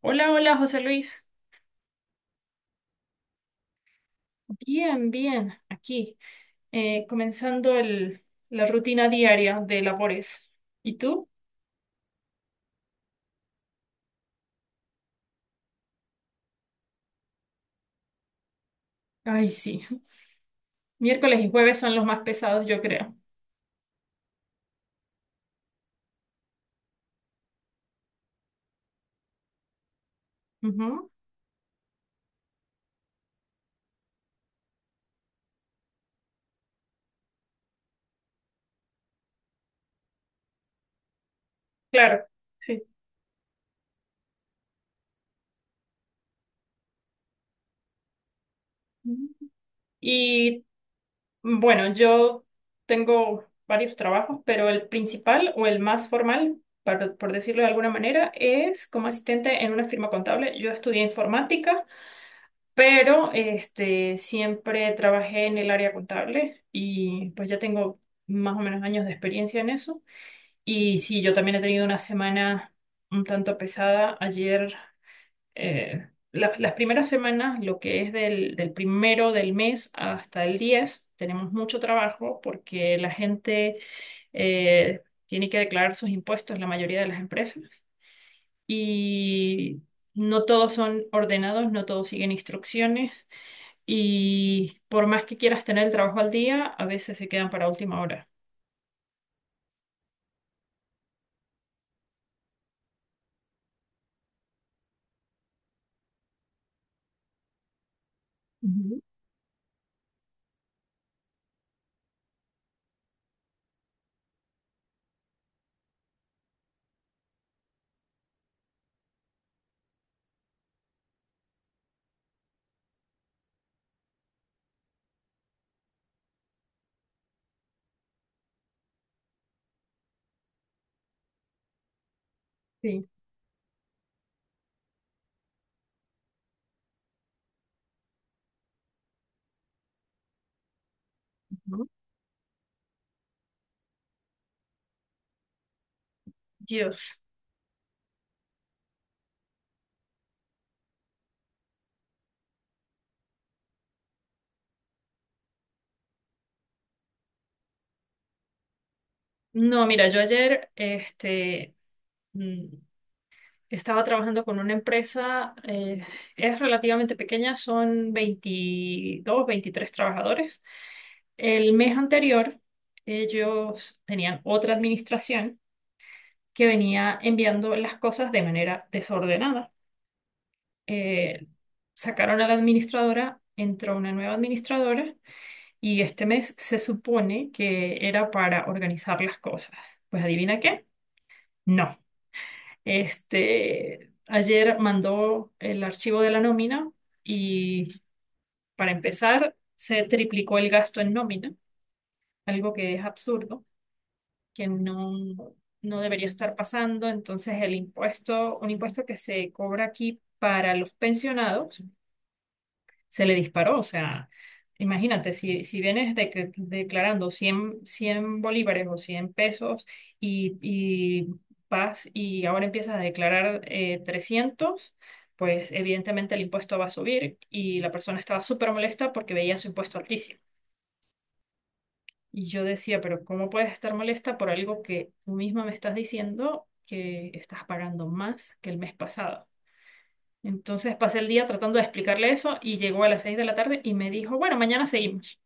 Hola, hola, José Luis. Bien, bien, aquí, comenzando la rutina diaria de labores. ¿Y tú? Ay, sí. Miércoles y jueves son los más pesados, yo creo. Ujú. Claro, sí. Y bueno, yo tengo varios trabajos, pero el principal o el más formal, por decirlo de alguna manera, es como asistente en una firma contable. Yo estudié informática pero siempre trabajé en el área contable y pues ya tengo más o menos años de experiencia en eso. Y sí, yo también he tenido una semana un tanto pesada. Ayer, las primeras semanas, lo que es del primero del mes hasta el 10 tenemos mucho trabajo porque la gente tiene que declarar sus impuestos, la mayoría de las empresas. Y no todos son ordenados, no todos siguen instrucciones. Y por más que quieras tener el trabajo al día, a veces se quedan para última hora. Ujú. Sí. Ujú. Dios. No, mira, yo ayer mm, estaba trabajando con una empresa, es relativamente pequeña, son 22, 23 trabajadores. El mes anterior, ellos tenían otra administración que venía enviando las cosas de manera desordenada. Eh, sacaron a la administradora, entró una nueva administradora y este mes se supone que era para organizar las cosas. Pues adivina qué, no. Ayer mandó el archivo de la nómina y para empezar se triplicó el gasto en nómina, algo que es absurdo, que no, no debería estar pasando. Entonces el impuesto, un impuesto que se cobra aquí para los pensionados se le disparó. O sea, imagínate, si vienes declarando 100 100 bolívares o 100 pesos y vas y ahora empiezas a declarar 300, pues evidentemente el impuesto va a subir y la persona estaba súper molesta porque veía su impuesto altísimo. Y yo decía, pero ¿cómo puedes estar molesta por algo que tú misma me estás diciendo que estás pagando más que el mes pasado? Entonces pasé el día tratando de explicarle eso y llegó a las 6 de la tarde y me dijo, bueno, mañana seguimos.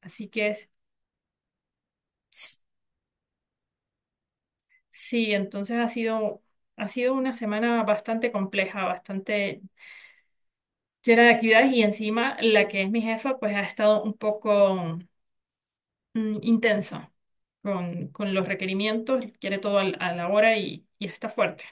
Así que es- s- Sí, ha sido una semana bastante compleja, bastante llena de actividades y encima la que es mi jefa pues ha estado un poco intensa con los requerimientos, quiere todo a la hora y está fuerte.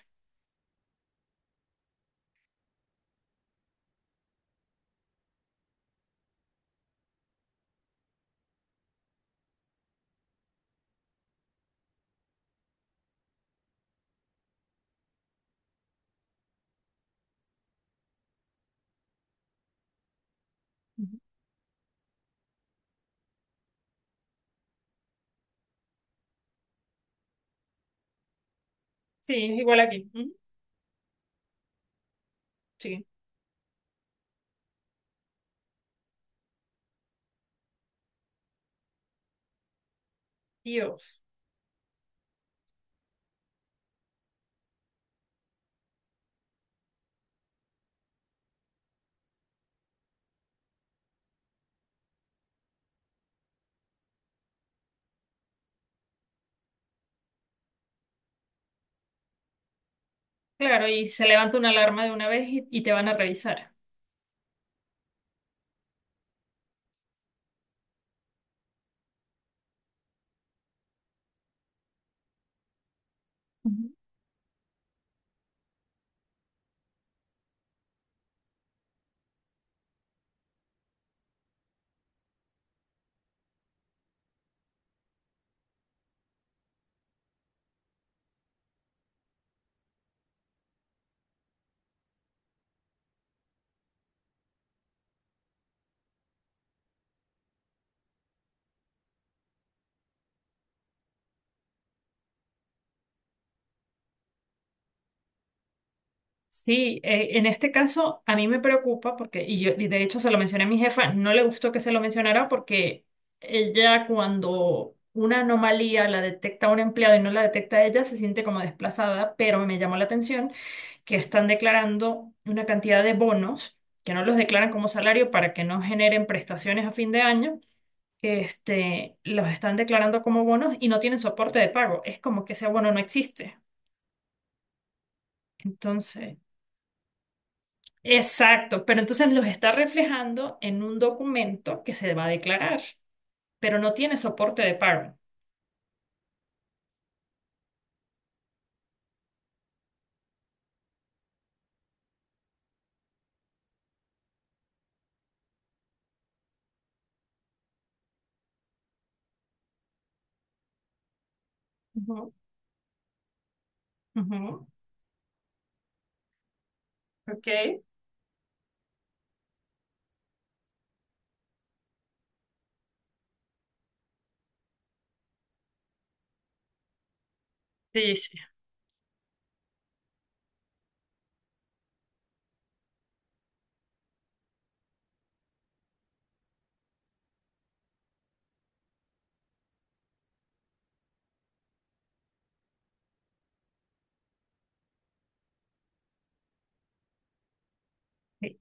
Sí, es igual aquí. Ujú. Sí. Dios. Claro, y se levanta una alarma de una vez y te van a revisar. Sí, en este caso a mí me preocupa porque, y de hecho se lo mencioné a mi jefa, no le gustó que se lo mencionara porque ella cuando una anomalía la detecta un empleado y no la detecta ella, se siente como desplazada, pero me llamó la atención que están declarando una cantidad de bonos que no los declaran como salario para que no generen prestaciones a fin de año. Los están declarando como bonos y no tienen soporte de pago. Es como que ese bono no existe. Entonces, exacto, pero entonces los está reflejando en un documento que se va a declarar, pero no tiene soporte de pago. Ujú, ujú. Ok. Sí, sí. Sí,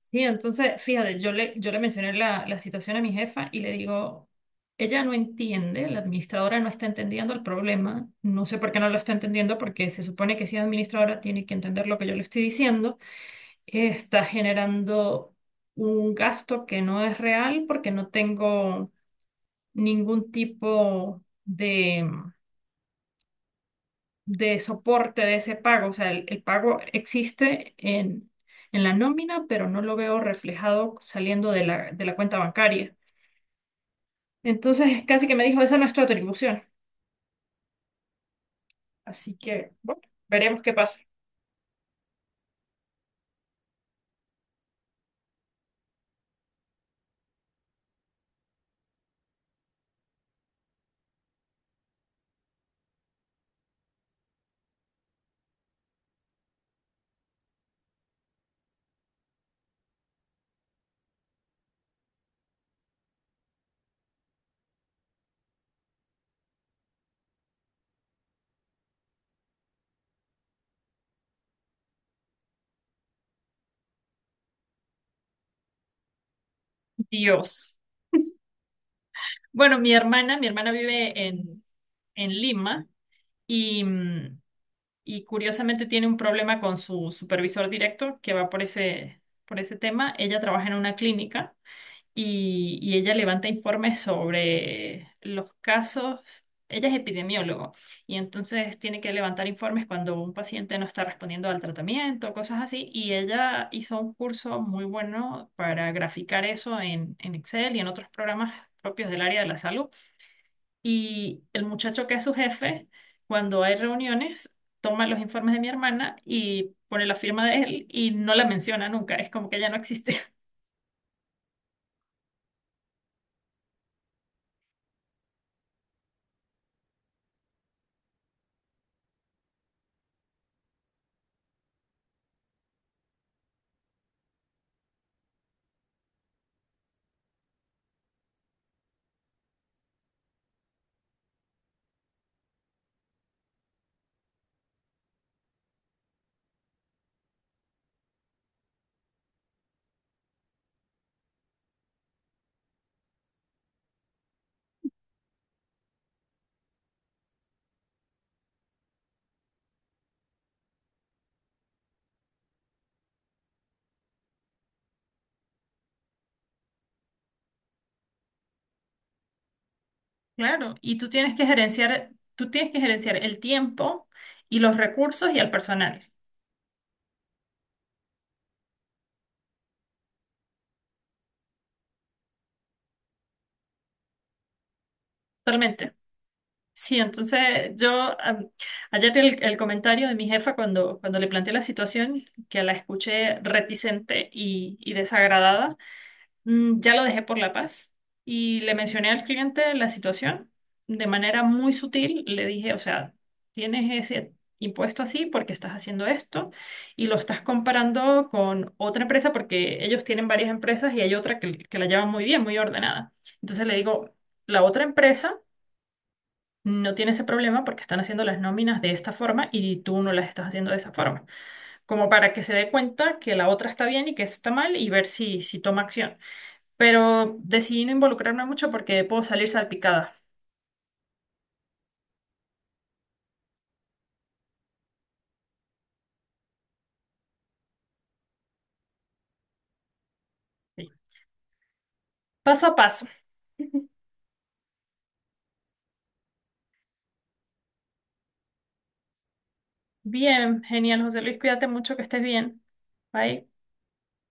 sí, entonces, fíjate, yo le mencioné la situación a mi jefa y le digo, ella no entiende, la administradora no está entendiendo el problema, no sé por qué no lo está entendiendo, porque se supone que si es administradora tiene que entender lo que yo le estoy diciendo, está generando un gasto que no es real porque no tengo ningún tipo de soporte de ese pago. O sea, el pago existe en la nómina, pero no lo veo reflejado saliendo de de la cuenta bancaria. Entonces, casi que me dijo, esa no es tu atribución. Así que, bueno, veremos qué pasa. Dios. Bueno, mi hermana vive en Lima y, y curiosamente tiene un problema con su supervisor directo que va por por ese tema. Ella trabaja en una clínica y ella levanta informes sobre los casos. Ella es epidemiólogo y entonces tiene que levantar informes cuando un paciente no está respondiendo al tratamiento, cosas así. Y ella hizo un curso muy bueno para graficar eso en Excel y en otros programas propios del área de la salud. Y el muchacho que es su jefe, cuando hay reuniones, toma los informes de mi hermana y pone la firma de él y no la menciona nunca. Es como que ella no existe. Claro, y tú tienes que gerenciar, tú tienes que gerenciar el tiempo y los recursos y al personal. Totalmente. Sí, entonces yo am, ayer el comentario de mi jefa cuando le planteé la situación, que la escuché reticente y desagradada, ya lo dejé por la paz y le mencioné al cliente la situación de manera muy sutil. Le dije, o sea, tienes ese impuesto así porque estás haciendo esto y lo estás comparando con otra empresa porque ellos tienen varias empresas y hay otra que la llevan muy bien, muy ordenada. Entonces le digo, la otra empresa no tiene ese problema porque están haciendo las nóminas de esta forma y tú no las estás haciendo de esa forma, como para que se dé cuenta que la otra está bien y que esta está mal y ver si, si toma acción pero decidí no involucrarme mucho porque puedo salir salpicada. Sí. Paso a paso. Bien, genial, José Luis, cuídate mucho, que estés bien. Bye.